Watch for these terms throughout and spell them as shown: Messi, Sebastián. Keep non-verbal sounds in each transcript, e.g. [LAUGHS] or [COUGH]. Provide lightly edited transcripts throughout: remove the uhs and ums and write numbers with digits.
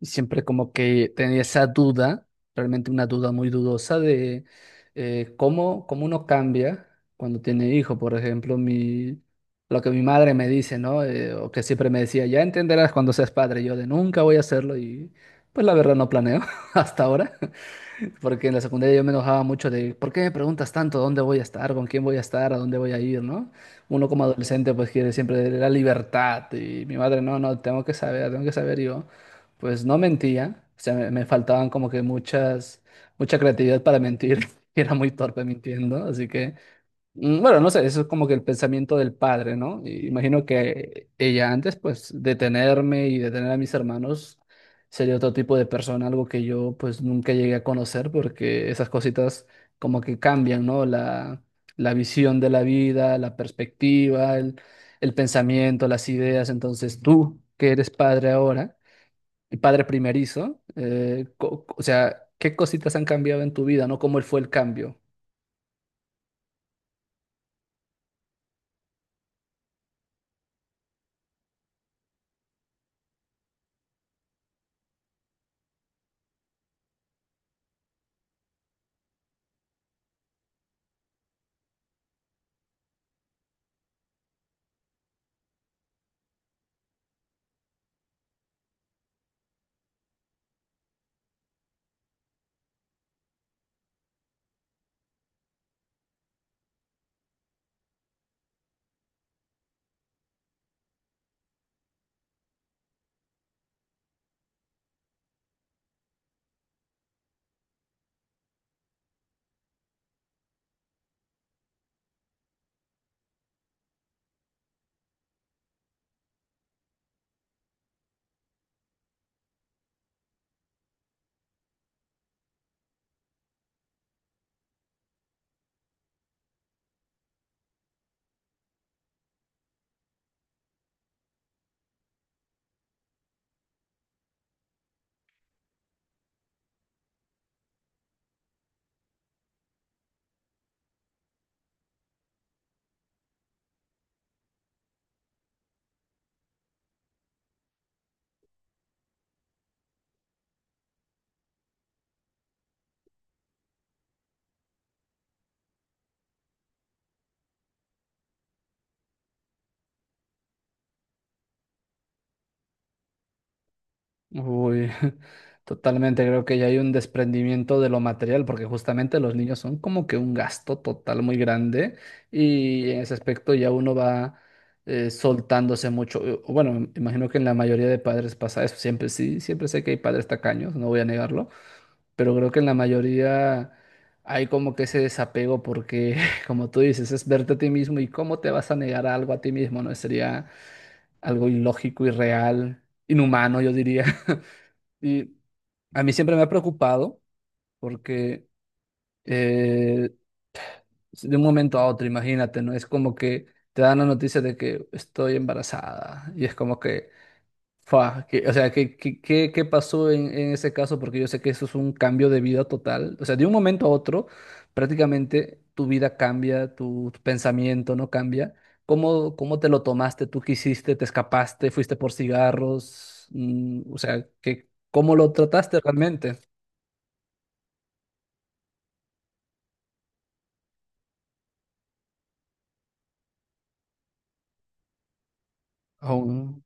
Y siempre como que tenía esa duda, realmente una duda muy dudosa de cómo, cómo uno cambia cuando tiene hijo. Por ejemplo, lo que mi madre me dice, ¿no? O que siempre me decía, ya entenderás cuando seas padre. Yo de nunca voy a hacerlo y pues la verdad no planeo [LAUGHS] hasta ahora. Porque en la secundaria yo me enojaba mucho de, ¿por qué me preguntas tanto dónde voy a estar, con quién voy a estar, a dónde voy a ir, ¿no? Uno como adolescente pues quiere siempre la libertad y mi madre, no, no, tengo que saber yo. Pues no mentía, o sea, me faltaban como que muchas, mucha creatividad para mentir, [LAUGHS] y era muy torpe mintiendo, así que bueno, no sé, eso es como que el pensamiento del padre, ¿no? Y imagino que ella antes, pues, de tenerme y de tener a mis hermanos, sería otro tipo de persona, algo que yo, pues, nunca llegué a conocer, porque esas cositas como que cambian, ¿no? La visión de la vida, la perspectiva, el pensamiento, las ideas. Entonces, tú, que eres padre ahora, y padre primerizo, o sea, ¿qué cositas han cambiado en tu vida, ¿no? ¿Cómo fue el cambio? Uy, [LAUGHS] totalmente, creo que ya hay un desprendimiento de lo material, porque justamente los niños son como que un gasto total muy grande y en ese aspecto ya uno va soltándose mucho. Bueno, me imagino que en la mayoría de padres pasa eso, siempre sí, siempre sé que hay padres tacaños, no voy a negarlo, pero creo que en la mayoría hay como que ese desapego porque, [LAUGHS] como tú dices, es verte a ti mismo y cómo te vas a negar algo a ti mismo, ¿no? Sería algo ilógico, irreal, inhumano, yo diría. [LAUGHS] Y a mí siempre me ha preocupado porque eh, de un momento a otro, imagínate, ¿no? Es como que te dan la noticia de que estoy embarazada y es como que, o sea, ¿qué, qué, qué pasó en ese caso? Porque yo sé que eso es un cambio de vida total. O sea, de un momento a otro, prácticamente tu vida cambia, tu pensamiento no cambia. ¿Cómo, cómo te lo tomaste? ¿Tú qué hiciste? ¿Te escapaste? ¿Fuiste por cigarros? O sea, ¿qué, cómo lo trataste realmente? Aún.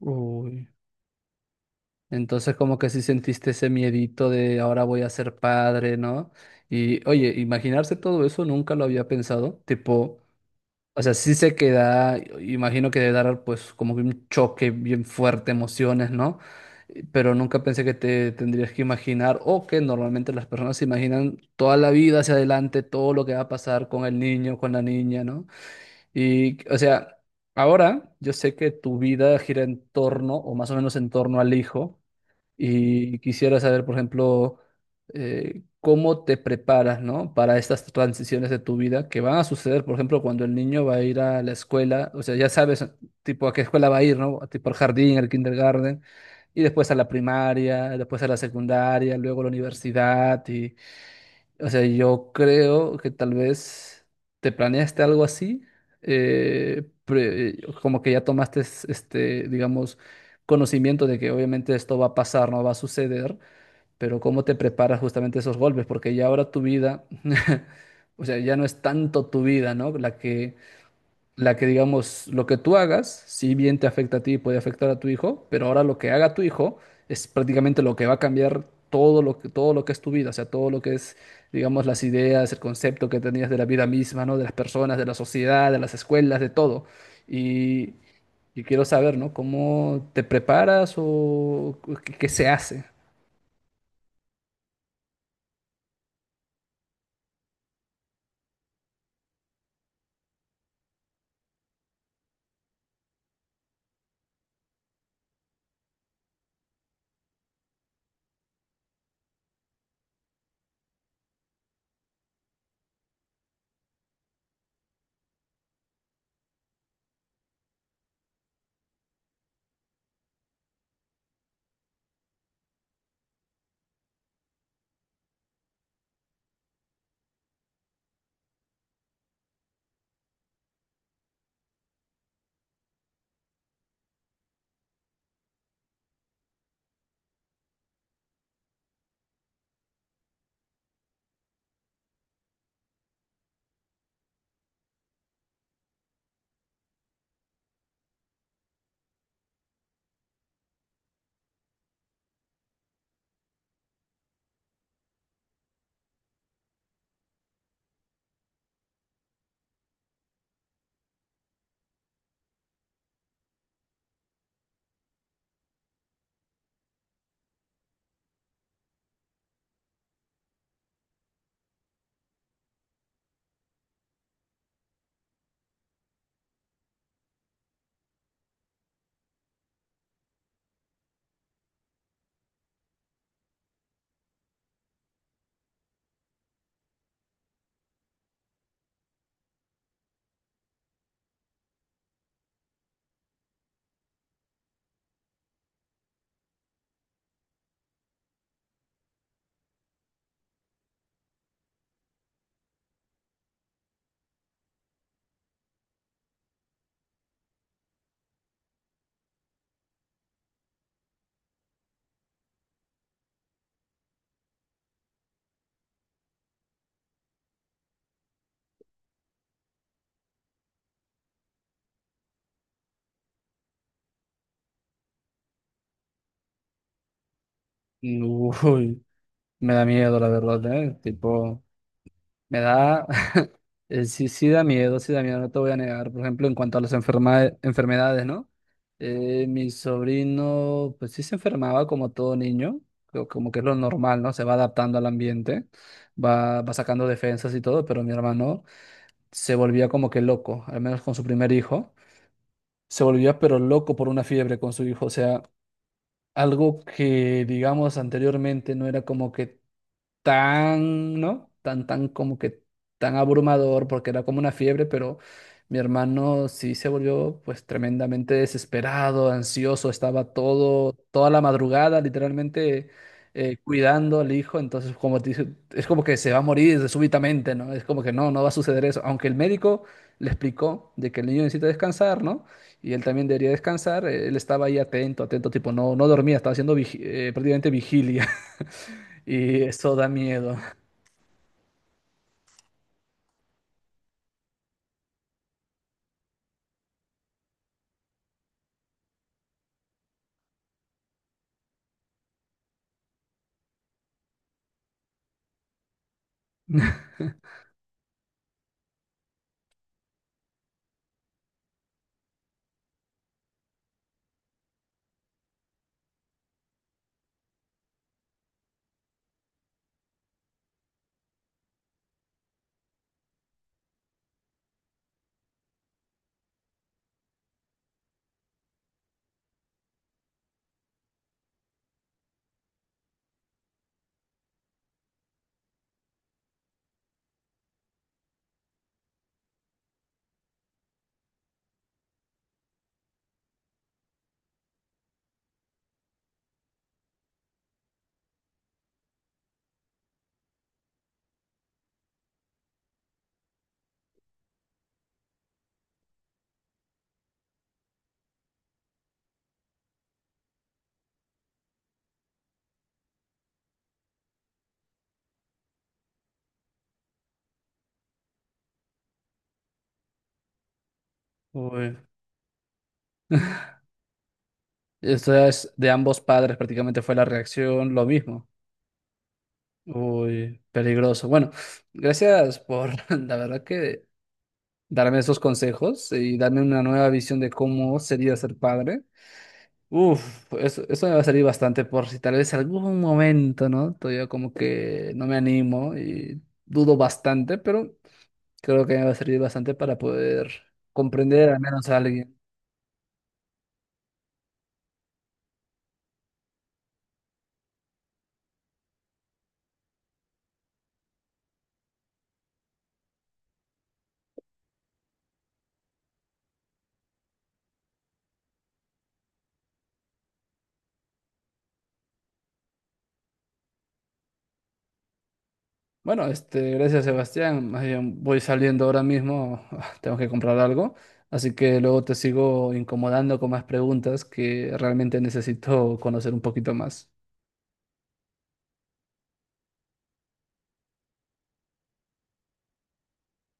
Uy, entonces como que sí sentiste ese miedito de ahora voy a ser padre, ¿no? Y oye, imaginarse todo eso nunca lo había pensado, tipo, o sea, sí se queda, imagino que debe dar pues como que un choque bien fuerte, emociones, ¿no? Pero nunca pensé que te tendrías que imaginar o que normalmente las personas se imaginan toda la vida hacia adelante, todo lo que va a pasar con el niño, con la niña, ¿no? Y, o sea, ahora yo sé que tu vida gira en torno, o más o menos en torno al hijo, y quisiera saber, por ejemplo, cómo te preparas, ¿no? Para estas transiciones de tu vida que van a suceder, por ejemplo, cuando el niño va a ir a la escuela, o sea, ya sabes, tipo, a qué escuela va a ir, ¿no? Tipo al jardín, al kindergarten, y después a la primaria, después a la secundaria, luego a la universidad, y o sea, yo creo que tal vez te planeaste algo así, como que ya tomaste, este, digamos, conocimiento de que obviamente esto va a pasar, no va a suceder, pero cómo te preparas justamente esos golpes, porque ya ahora tu vida, [LAUGHS] o sea, ya no es tanto tu vida, ¿no? La que digamos, lo que tú hagas, si bien te afecta a ti y puede afectar a tu hijo, pero ahora lo que haga tu hijo es prácticamente lo que va a cambiar todo lo que es tu vida, o sea, todo lo que es, digamos, las ideas, el concepto que tenías de la vida misma, ¿no? De las personas, de la sociedad, de las escuelas, de todo. Y, y quiero saber, ¿no? ¿Cómo te preparas o qué, qué se hace? Uy, me da miedo, la verdad, ¿eh? Tipo, me da... sí, sí da miedo, no te voy a negar. Por ejemplo, en cuanto a las enfermedades, ¿no? Mi sobrino, pues sí se enfermaba como todo niño, como que es lo normal, ¿no? Se va adaptando al ambiente, va sacando defensas y todo, pero mi hermano se volvía como que loco, al menos con su primer hijo. Se volvía pero loco por una fiebre con su hijo, o sea, algo que, digamos, anteriormente no era como que tan, ¿no? Tan, tan como que tan abrumador porque era como una fiebre, pero mi hermano sí se volvió pues tremendamente desesperado, ansioso, estaba todo, toda la madrugada literalmente cuidando al hijo, entonces como dice, es como que se va a morir súbitamente, ¿no? Es como que no, no va a suceder eso, aunque el médico le explicó de que el niño necesita descansar, ¿no? Y él también debería descansar, él estaba ahí atento, atento, tipo, no, no dormía, estaba haciendo prácticamente vigilia. [LAUGHS] Y eso da miedo. [LAUGHS] Uy. Esto es de ambos padres, prácticamente fue la reacción lo mismo. Uy, peligroso. Bueno, gracias por [LAUGHS] la verdad que darme esos consejos y darme una nueva visión de cómo sería ser padre. Uf, eso me va a servir bastante por si tal vez algún momento, ¿no? Todavía como que no me animo y dudo bastante, pero creo que me va a servir bastante para poder comprender al menos a alguien. Bueno, este, gracias Sebastián. Más bien voy saliendo ahora mismo, [LAUGHS] tengo que comprar algo, así que luego te sigo incomodando con más preguntas que realmente necesito conocer un poquito más.